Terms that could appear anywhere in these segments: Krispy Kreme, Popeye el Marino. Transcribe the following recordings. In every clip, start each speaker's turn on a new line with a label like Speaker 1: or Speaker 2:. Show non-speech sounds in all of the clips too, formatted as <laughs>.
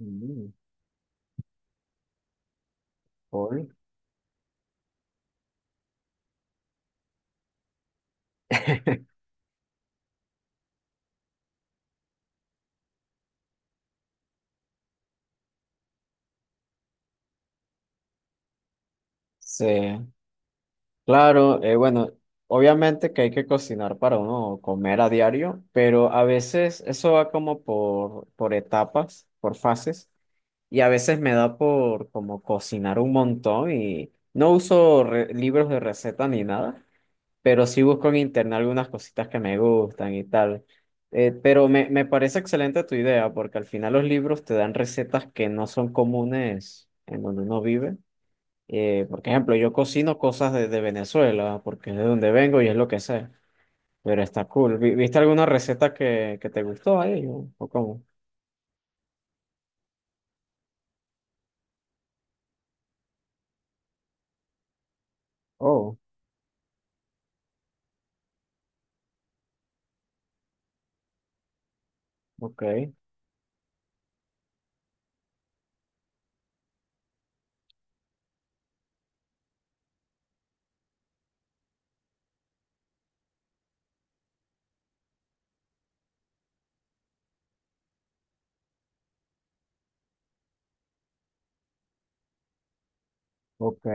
Speaker 1: Mm, hoy. <laughs> Sí, claro, bueno, obviamente que hay que cocinar para uno comer a diario, pero a veces eso va como por etapas, por fases, y a veces me da por como cocinar un montón y no uso libros de receta ni nada, pero sí busco en internet algunas cositas que me gustan y tal. Pero me parece excelente tu idea, porque al final los libros te dan recetas que no son comunes en donde uno vive. Por ejemplo, yo cocino cosas de Venezuela, porque es de donde vengo y es lo que sé, pero está cool. ¿Viste alguna receta que te gustó ahí? ¿O cómo? Oh, ok, ok,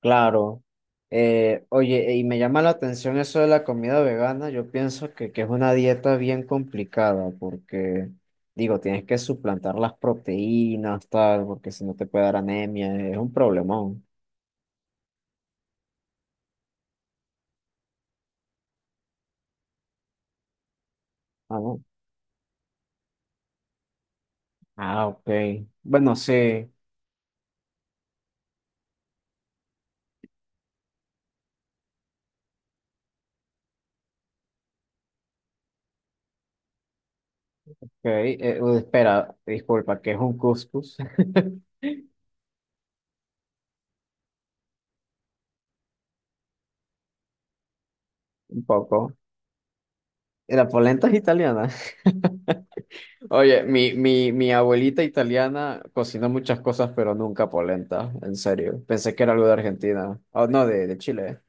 Speaker 1: claro. Oye, y me llama la atención eso de la comida vegana. Yo pienso que es una dieta bien complicada, porque, digo, tienes que suplantar las proteínas, tal, porque si no te puede dar anemia, es un problemón. Ah, no. Ah, ok. Bueno, sí. Ok, espera, disculpa, ¿que es un couscous? <laughs> Un poco. La polenta es italiana. <laughs> Oye, mi abuelita italiana cocinó muchas cosas, pero nunca polenta, en serio. Pensé que era algo de Argentina. Oh, no, de Chile.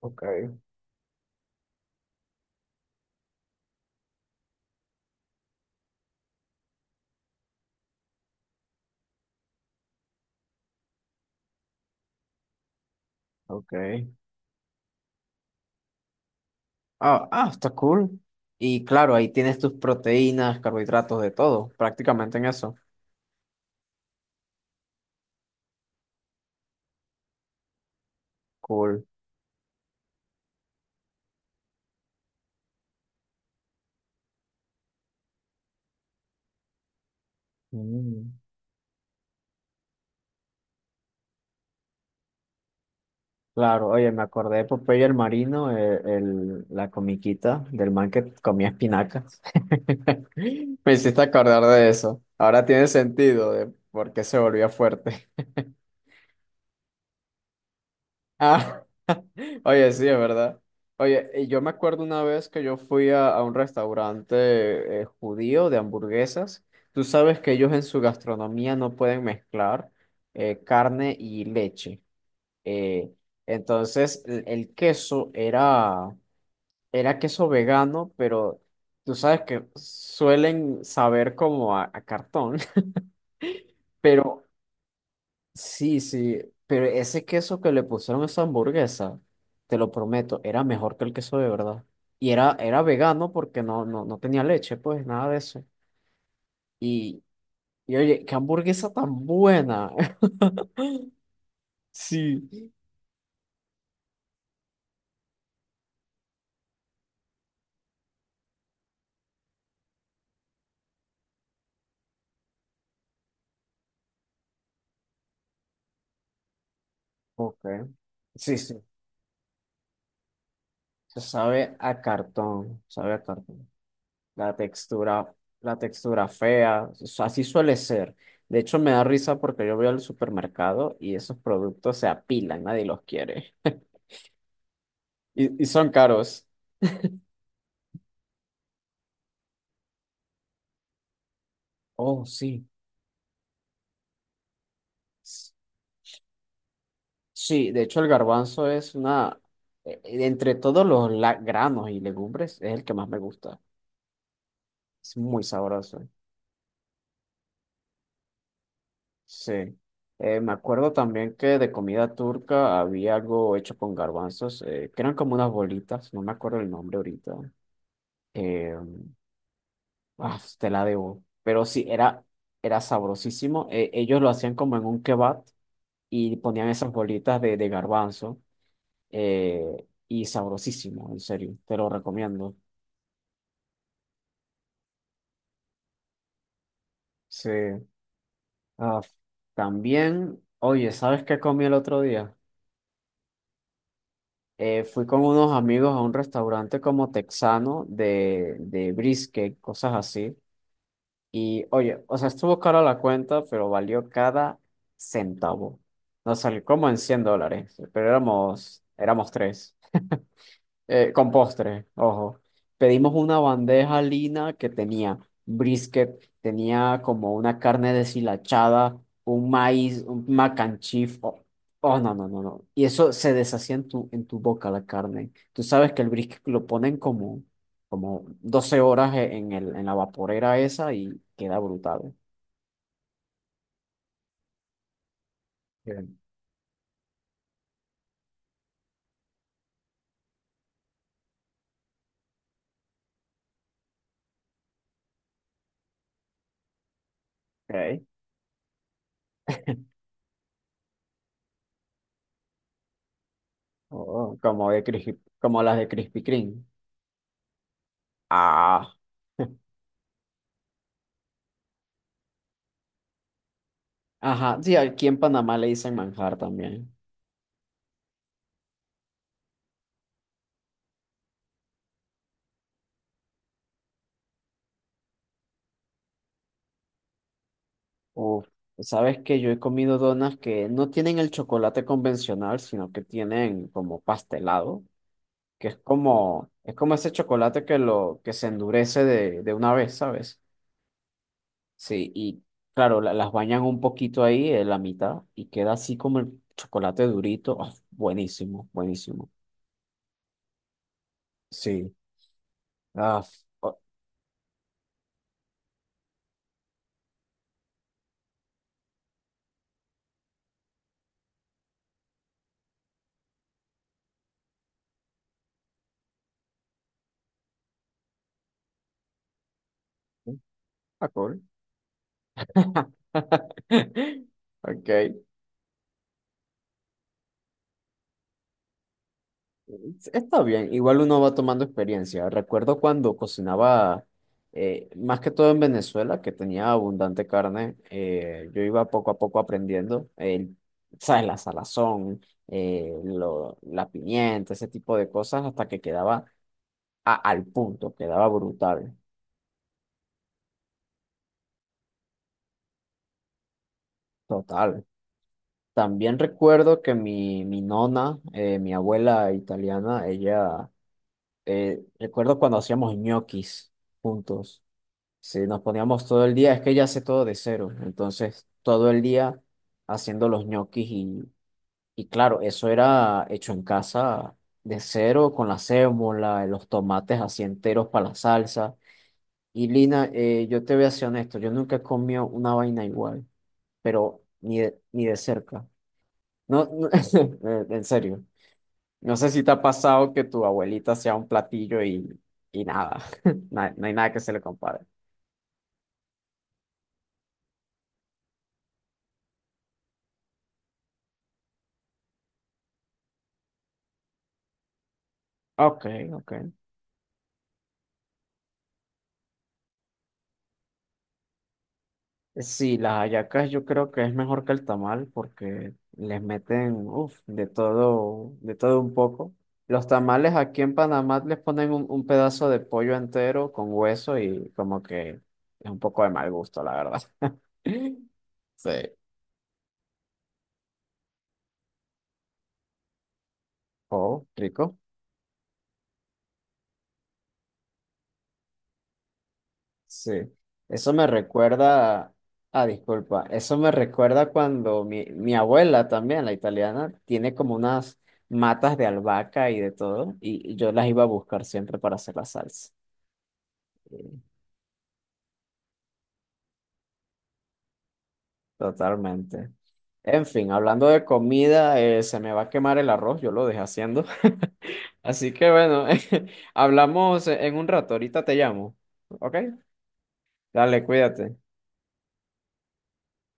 Speaker 1: Ok, ok. Está cool. Y claro, ahí tienes tus proteínas, carbohidratos, de todo, prácticamente en eso. Cool. Mm. Claro, oye, me acordé de Popeye el Marino, la comiquita del man que comía espinacas. <laughs> Me hiciste acordar de eso. Ahora tiene sentido de por qué se volvía fuerte. <laughs> Ah, <laughs> oye, sí, es verdad. Oye, y yo me acuerdo una vez que yo fui a un restaurante judío de hamburguesas. Tú sabes que ellos en su gastronomía no pueden mezclar carne y leche. Eh, entonces, el queso era. Era queso vegano, pero tú sabes que suelen saber como a cartón. <laughs> Pero sí, pero ese queso que le pusieron a esa hamburguesa, te lo prometo, era mejor que el queso de verdad. Era, era vegano porque no tenía leche, pues nada de eso. Y, y oye, qué hamburguesa tan buena. <laughs> Sí. Ok. Sí, sí. se Sabe a cartón, sabe a cartón. La textura, la textura fea, así suele ser. De hecho, me da risa porque yo voy al supermercado y esos productos se apilan, nadie los quiere. Y son caros. Oh, sí. S- Sí, de hecho el garbanzo es una, entre todos los granos y legumbres, es el que más me gusta. Es muy sabroso. Sí. Me acuerdo también que de comida turca había algo hecho con garbanzos, que eran como unas bolitas, no me acuerdo el nombre ahorita. Eh, Ah, pues, te la debo. Pero sí, era, era sabrosísimo. Ellos lo hacían como en un kebab y ponían esas bolitas de garbanzo. Eh, y sabrosísimo, en serio. Te lo recomiendo. Sí. Ah, también, oye, ¿sabes qué comí el otro día? Fui con unos amigos a un restaurante como texano de brisket, cosas así. Y oye, o sea, estuvo cara la cuenta, pero valió cada centavo. Nos salió como en $100, pero éramos tres. Con postre, ojo. Pedimos una bandeja lina que tenía brisket, tenía como una carne deshilachada, un maíz, un mac and cheese. Oh, oh, no, no, no, no. Y eso se deshacía en tu boca la carne. Tú sabes que el brisket lo ponen como 12 horas en en la vaporera esa y queda brutal. Bien. Okay. Oh, como de como las de Krispy Kreme. Ah. <laughs> Ajá, sí, aquí en Panamá le dicen manjar también. Uf, sabes que yo he comido donas que no tienen el chocolate convencional, sino que tienen como pastelado, que es como ese chocolate que que se endurece de una vez, ¿sabes? Sí, y claro, las bañan un poquito ahí en la mitad y queda así como el chocolate durito. Ah, buenísimo, buenísimo. Sí. Oh, ah, cool. <laughs> Ok. Sí, está bien, igual uno va tomando experiencia. Recuerdo cuando cocinaba, más que todo en Venezuela, que tenía abundante carne, yo iba poco a poco aprendiendo, el, ¿sabes? La salazón, la pimienta, ese tipo de cosas, hasta que quedaba al punto, quedaba brutal, total. También recuerdo que mi nona, mi abuela italiana, ella, recuerdo cuando hacíamos ñoquis juntos. Sí, nos poníamos todo el día, es que ella hace todo de cero, entonces todo el día haciendo los ñoquis y claro, eso era hecho en casa de cero con la sémola, los tomates así enteros para la salsa. Y Lina, yo te voy a ser honesto, yo nunca he comido una vaina igual, pero ni de, ni de cerca. No, no, <laughs> en serio, no sé si te ha pasado que tu abuelita sea un platillo y nada, <laughs> no hay no hay nada que se le compare. Ok, ok. Sí, las hallacas yo creo que es mejor que el tamal porque les meten, uf, de todo un poco. Los tamales aquí en Panamá les ponen un pedazo de pollo entero con hueso y como que es un poco de mal gusto, la verdad. <laughs> Sí. Oh, rico. Sí, eso me recuerda, ah, disculpa, eso me recuerda cuando mi abuela también, la italiana, tiene como unas matas de albahaca y de todo, y yo las iba a buscar siempre para hacer la salsa. Sí, totalmente. En fin, hablando de comida, se me va a quemar el arroz, yo lo dejé haciendo. <laughs> Así que bueno, <laughs> hablamos en un rato, ahorita te llamo, ¿ok? Dale, cuídate.